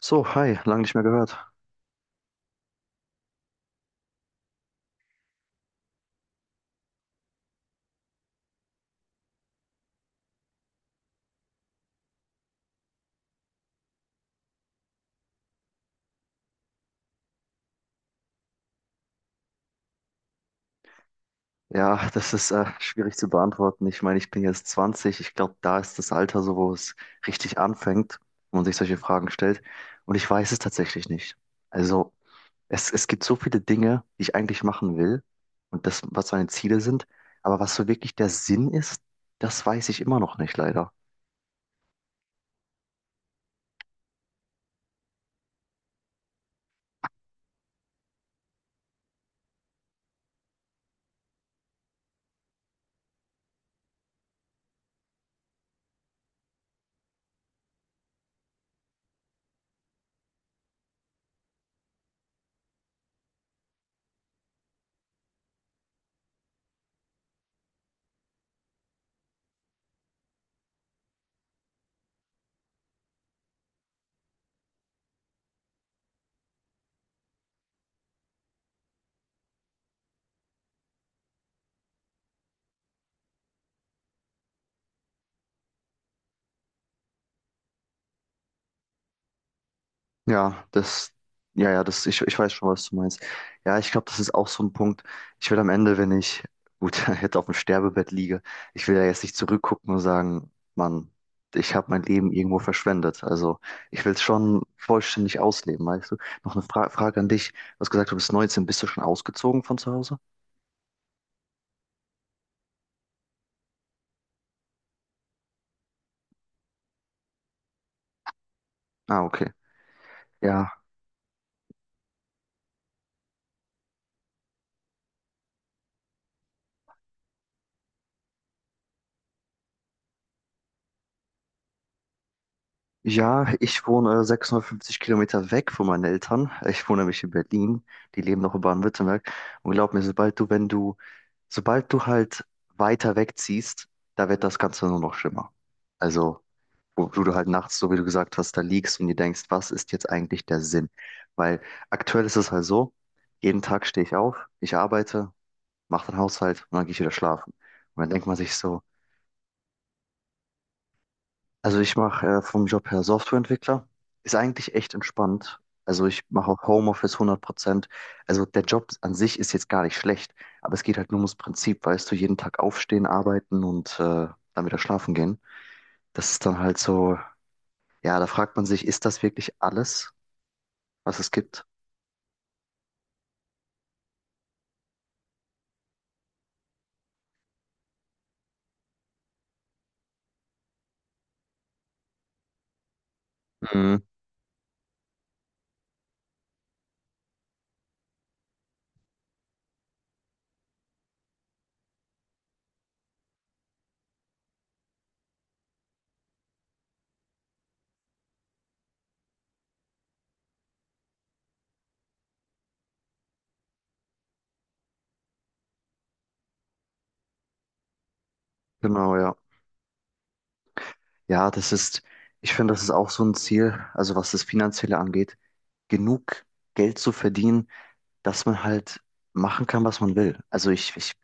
So, hi, lange nicht mehr gehört. Ja, das ist schwierig zu beantworten. Ich meine, ich bin jetzt 20. Ich glaube, da ist das Alter so, wo es richtig anfängt, wo man sich solche Fragen stellt. Und ich weiß es tatsächlich nicht. Also, es gibt so viele Dinge, die ich eigentlich machen will, und das, was meine Ziele sind. Aber was so wirklich der Sinn ist, das weiß ich immer noch nicht, leider. Ja, das, ja, ich weiß schon, was du meinst. Ja, ich glaube, das ist auch so ein Punkt. Ich will am Ende, wenn ich, gut, jetzt auf dem Sterbebett liege, ich will ja jetzt nicht zurückgucken und sagen, Mann, ich habe mein Leben irgendwo verschwendet. Also ich will es schon vollständig ausleben, weißt du? Noch eine Frage an dich. Du hast gesagt, du bist 19, bist du schon ausgezogen von zu Hause? Ah, okay. Ja, ja, ich wohne 650 Kilometer weg von meinen Eltern. Ich wohne nämlich in Berlin. Die leben noch in Baden-Württemberg. Und glaub mir, sobald du, wenn du, sobald du halt weiter wegziehst, da wird das Ganze nur noch schlimmer. Also, wo du halt nachts, so wie du gesagt hast, da liegst und dir denkst, was ist jetzt eigentlich der Sinn? Weil aktuell ist es halt so, jeden Tag stehe ich auf, ich arbeite, mache den Haushalt und dann gehe ich wieder schlafen. Und dann denkt man sich so, also ich mache vom Job her Softwareentwickler. Ist eigentlich echt entspannt. Also ich mache auch Homeoffice 100%. Also der Job an sich ist jetzt gar nicht schlecht, aber es geht halt nur ums Prinzip, weißt du, jeden Tag aufstehen, arbeiten und dann wieder schlafen gehen. Das ist dann halt so, ja, da fragt man sich, ist das wirklich alles, was es gibt? Mhm. Genau, ja. Ja, das ist, ich finde, das ist auch so ein Ziel, also was das Finanzielle angeht, genug Geld zu verdienen, dass man halt machen kann, was man will. Also ich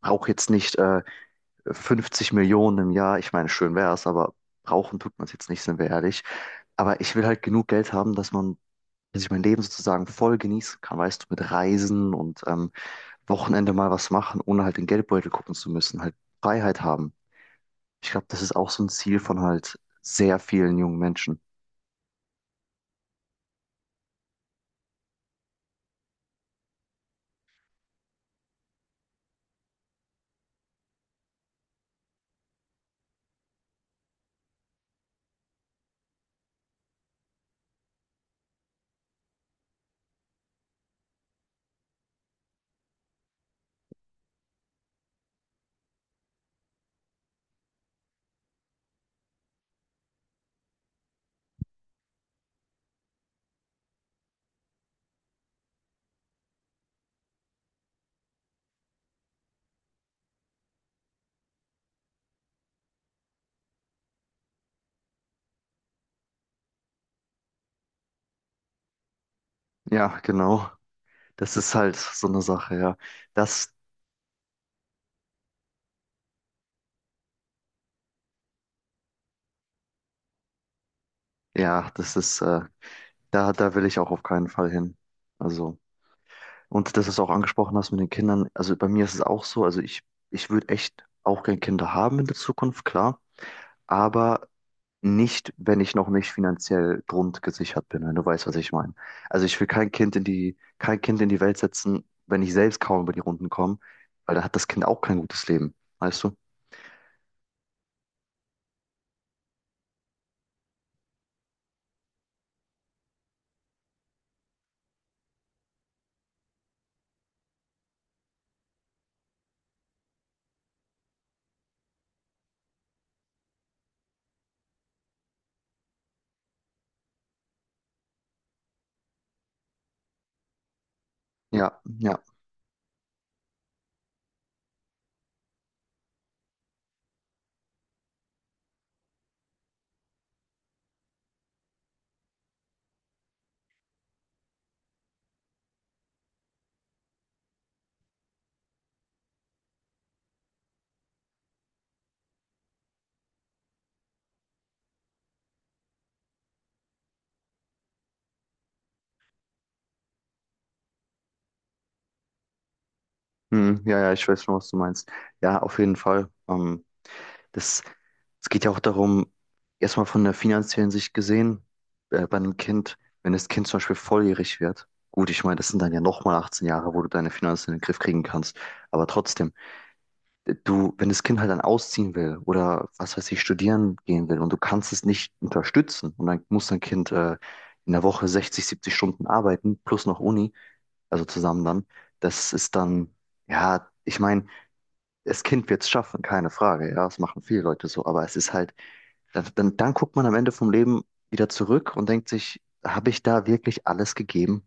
brauche jetzt nicht 50 Millionen im Jahr. Ich meine, schön wäre es, aber brauchen tut man es jetzt nicht, sind wir ehrlich. Aber ich will halt genug Geld haben, dass man, dass ich mein Leben sozusagen voll genießen kann, weißt du, mit Reisen und Wochenende mal was machen, ohne halt den Geldbeutel gucken zu müssen, halt Freiheit haben. Ich glaube, das ist auch so ein Ziel von halt sehr vielen jungen Menschen. Ja, genau. Das ist halt so eine Sache, ja. Das, ja, das ist da, da will ich auch auf keinen Fall hin. Also, und dass du es auch angesprochen hast mit den Kindern, also bei mir ist es auch so, also ich würde echt auch gerne Kinder haben in der Zukunft, klar, aber nicht, wenn ich noch nicht finanziell grundgesichert bin, wenn du weißt, was ich meine. Also ich will kein Kind in die, kein Kind in die Welt setzen, wenn ich selbst kaum über die Runden komme, weil da hat das Kind auch kein gutes Leben, weißt du? Ja, ja. Hm, ja, ja, ich weiß schon, was du meinst. Ja, auf jeden Fall. Das, es geht ja auch darum, erstmal von der finanziellen Sicht gesehen, bei einem Kind, wenn das Kind zum Beispiel volljährig wird, gut, ich meine, das sind dann ja nochmal 18 Jahre, wo du deine Finanzen in den Griff kriegen kannst, aber trotzdem, du, wenn das Kind halt dann ausziehen will oder was weiß ich, studieren gehen will und du kannst es nicht unterstützen und dann muss dein Kind in der Woche 60, 70 Stunden arbeiten, plus noch Uni, also zusammen dann, das ist dann, ja, ich meine, das Kind wird es schaffen, keine Frage, ja, das machen viele Leute so, aber es ist halt dann guckt man am Ende vom Leben wieder zurück und denkt sich, habe ich da wirklich alles gegeben?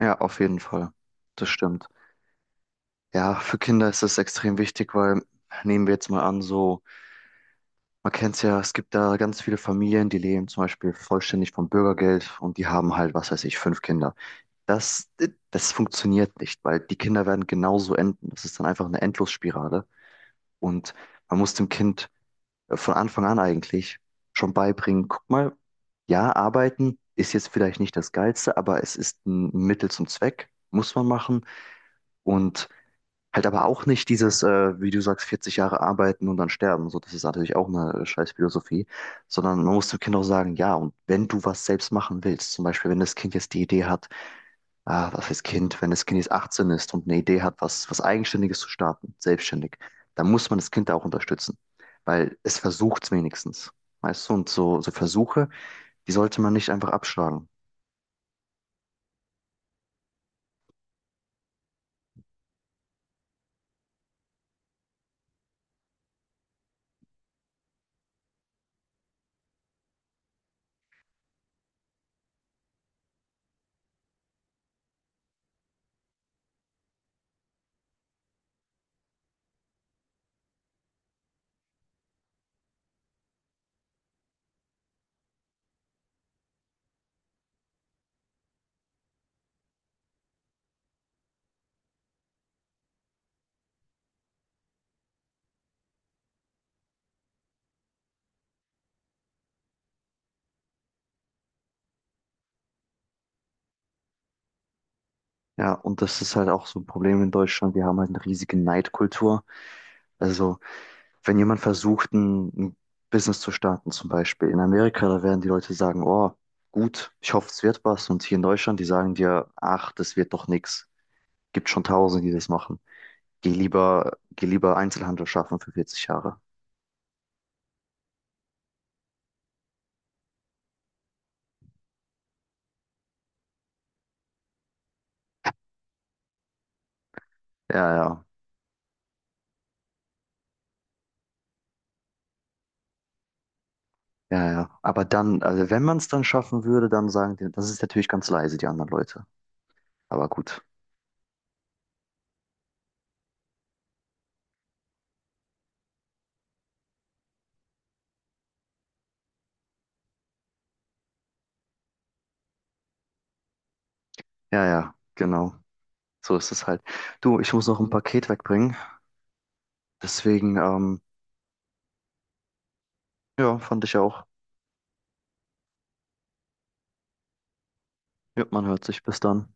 Ja, auf jeden Fall. Das stimmt. Ja, für Kinder ist das extrem wichtig, weil nehmen wir jetzt mal an, so, man kennt es ja, es gibt da ganz viele Familien, die leben zum Beispiel vollständig vom Bürgergeld und die haben halt, was weiß ich, fünf Kinder. Das, das funktioniert nicht, weil die Kinder werden genauso enden. Das ist dann einfach eine Endlosspirale, und man muss dem Kind von Anfang an eigentlich schon beibringen. Guck mal, ja, arbeiten ist jetzt vielleicht nicht das Geilste, aber es ist ein Mittel zum Zweck, muss man machen. Und halt aber auch nicht dieses, wie du sagst, 40 Jahre arbeiten und dann sterben. So, das ist natürlich auch eine scheiß Philosophie, sondern man muss dem Kind auch sagen, ja, und wenn du was selbst machen willst, zum Beispiel, wenn das Kind jetzt die Idee hat, ah, was heißt Kind, wenn das Kind jetzt 18 ist und eine Idee hat, was Eigenständiges zu starten, selbstständig, dann muss man das Kind da auch unterstützen, weil es versucht es wenigstens, weißt du, und so Versuche, die sollte man nicht einfach abschlagen. Ja, und das ist halt auch so ein Problem in Deutschland, wir haben halt eine riesige Neidkultur. Also, wenn jemand versucht, ein Business zu starten, zum Beispiel in Amerika, da werden die Leute sagen, oh, gut, ich hoffe, es wird was. Und hier in Deutschland, die sagen dir, ach, das wird doch nichts. Gibt schon Tausende, die das machen. Geh lieber Einzelhandel schaffen für 40 Jahre. Ja, ja, ja, ja. Aber dann, also wenn man es dann schaffen würde, dann sagen die, das ist natürlich ganz leise, die anderen Leute. Aber gut. Ja, ja, genau. So ist es halt. Du, ich muss noch ein Paket wegbringen. Deswegen, ja, fand ich auch. Ja, man hört sich. Bis dann.